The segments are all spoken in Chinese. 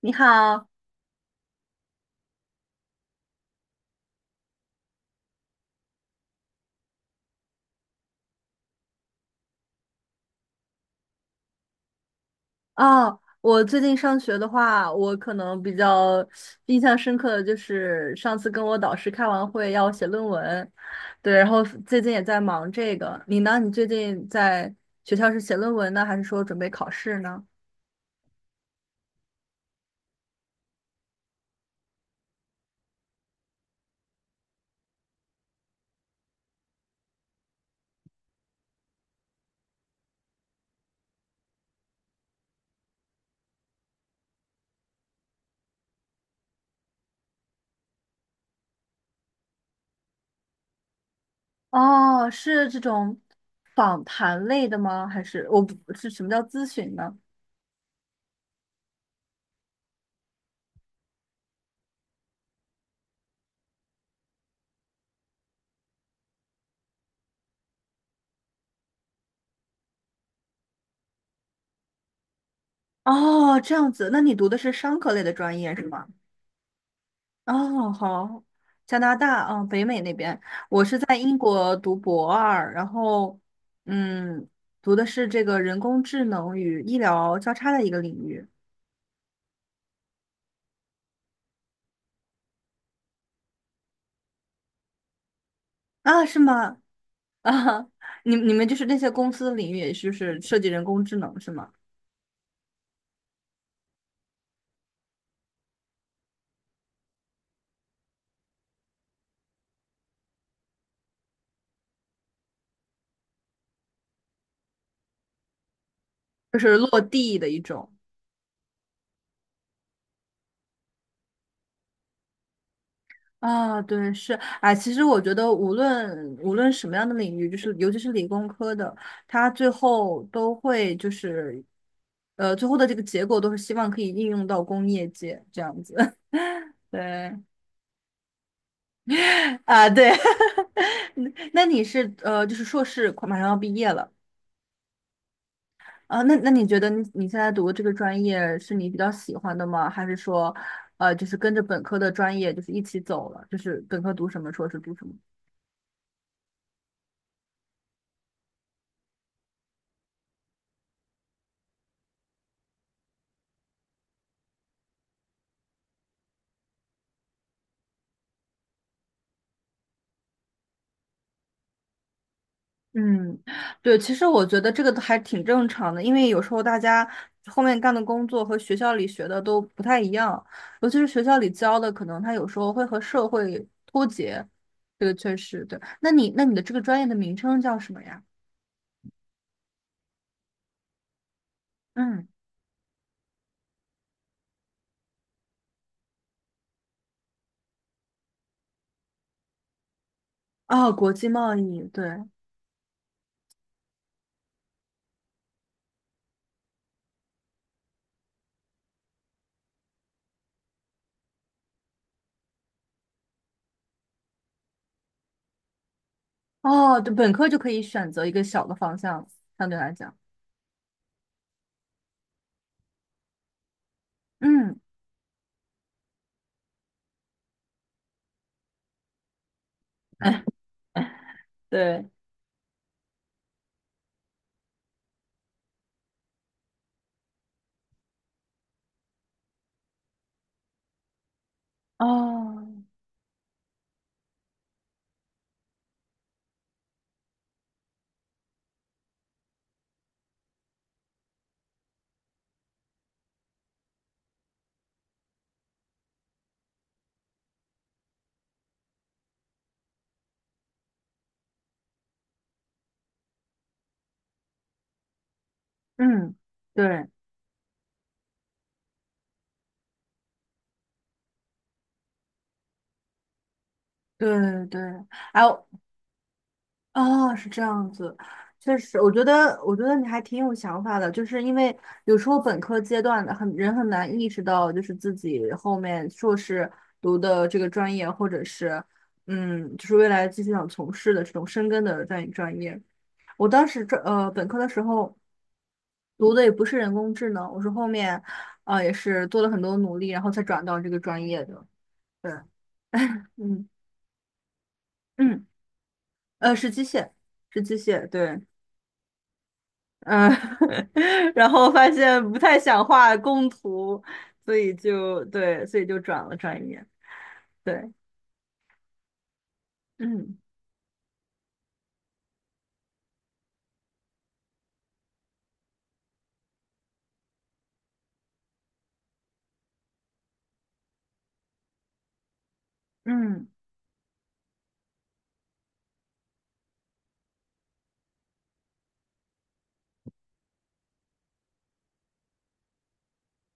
你好，哦，我最近上学的话，我可能比较印象深刻的就是上次跟我导师开完会要写论文，对，然后最近也在忙这个。你呢？你最近在学校是写论文呢，还是说准备考试呢？哦，是这种访谈类的吗？还是我不是什么叫咨询呢？哦，这样子，那你读的是商科类的专业是吗？哦，好，加拿大，嗯，北美那边，我是在英国读博2，然后，嗯，读的是这个人工智能与医疗交叉的一个领域。啊，是吗？啊，你们就是那些公司的领域，也就是设计人工智能是吗？就是落地的一种。啊，对，是，哎，其实我觉得无论什么样的领域，就是尤其是理工科的，它最后都会就是，最后的这个结果都是希望可以应用到工业界这样子。对，啊，对，那你是就是硕士快马上要毕业了。啊，那你觉得你现在读的这个专业是你比较喜欢的吗？还是说，就是跟着本科的专业就是一起走了，就是本科读什么，硕士读什么？嗯，对，其实我觉得这个还挺正常的，因为有时候大家后面干的工作和学校里学的都不太一样，尤其是学校里教的，可能它有时候会和社会脱节，这个确实对。那你的这个专业的名称叫什么呀？嗯，哦，国际贸易，对，哦，对，本科就可以选择一个小的方向，相对来讲，嗯，对，哦，嗯，对对对，哎，啊，是这样子，确实，我觉得，我觉得你还挺有想法的，就是因为有时候本科阶段的很人很难意识到，就是自己后面硕士读的这个专业，或者是就是未来继续想从事的这种深耕的专业。我当时这本科的时候读的也不是人工智能，我是后面啊也是做了很多努力，然后才转到这个专业的。对，嗯嗯，是机械，是机械，对。嗯，然后发现不太想画工图，所以就对，所以就转了专业。对，嗯嗯，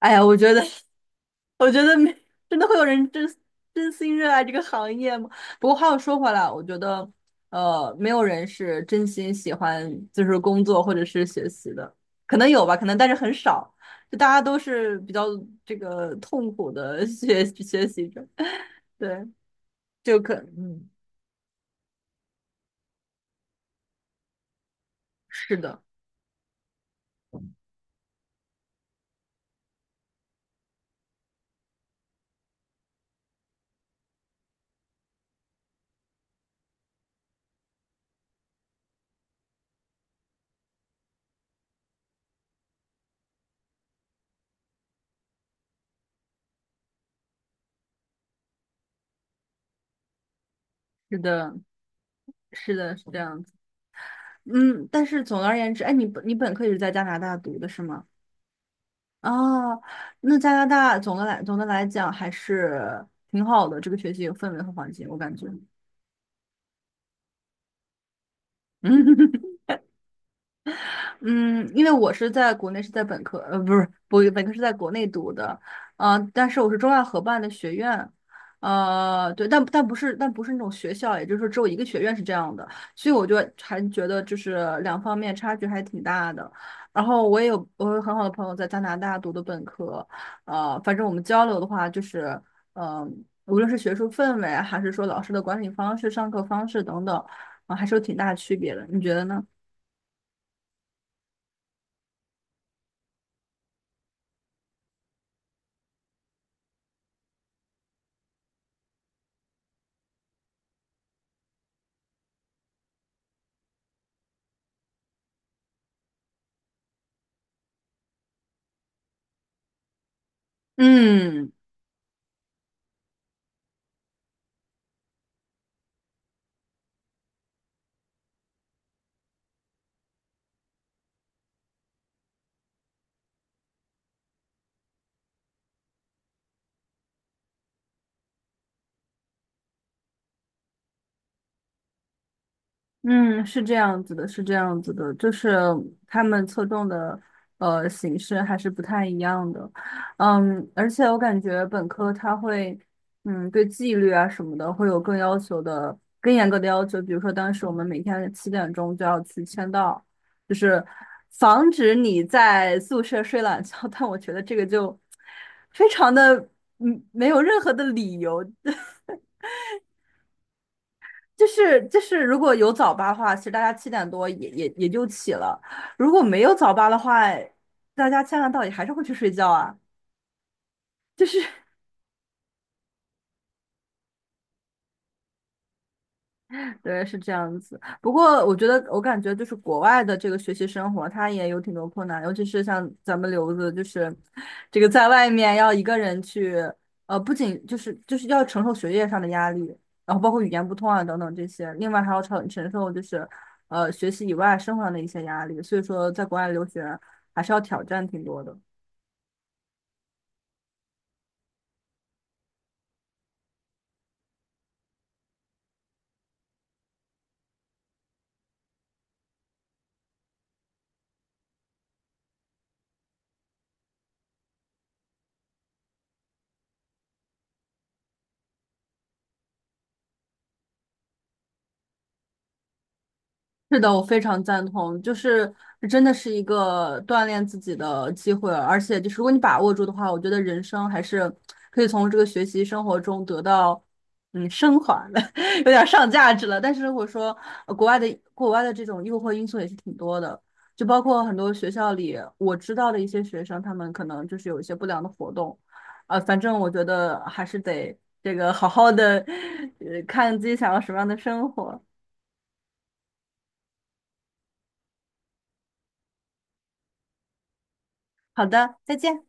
哎呀，我觉得，我觉得没，真的会有人真心热爱这个行业吗？不过话又说回来，我觉得，没有人是真心喜欢就是工作或者是学习的，可能有吧，可能但是很少，就大家都是比较这个痛苦的 学习者，对，嗯，是的。是的，是的，是这样子。嗯，但是总的而言之，哎，你本科也是在加拿大读的是吗？哦，那加拿大总的来讲还是挺好的，这个学习有氛围和环境，我感觉。嗯嗯，因为我是在国内是在本科，不是，不，本科是在国内读的，但是我是中外合办的学院，对，但不是，但不是那种学校，也就是说只有一个学院是这样的，所以我就还觉得就是两方面差距还挺大的。然后我有很好的朋友在加拿大读的本科，反正我们交流的话就是，嗯、无论是学术氛围还是说老师的管理方式、上课方式等等，啊、还是有挺大区别的，你觉得呢？嗯嗯，是这样子的，是这样子的，就是他们侧重的形式还是不太一样的，嗯，而且我感觉本科它会，对纪律啊什么的会有更要求的、更严格的要求，比如说当时我们每天7点钟就要去签到，就是防止你在宿舍睡懒觉，但我觉得这个就非常的没有任何的理由，就是如果有早八的话，其实大家7点多也就起了；如果没有早八的话，大家千万到底还是会去睡觉啊。就是对，是这样子。不过我觉得，我感觉就是国外的这个学习生活，它也有挺多困难，尤其是像咱们留子，就是这个在外面要一个人去，不仅就是要承受学业上的压力，然后包括语言不通啊等等这些，另外还要承受就是学习以外生活上的一些压力。所以说，在国外留学还是要挑战挺多的。是的，我非常赞同，就是这真的是一个锻炼自己的机会，而且就是如果你把握住的话，我觉得人生还是可以从这个学习生活中得到升华的，有点上价值了。但是如果说呃国外的国外的这种诱惑因素也是挺多的，就包括很多学校里我知道的一些学生，他们可能就是有一些不良的活动，反正我觉得还是得这个好好的 看自己想要什么样的生活。好的，再见。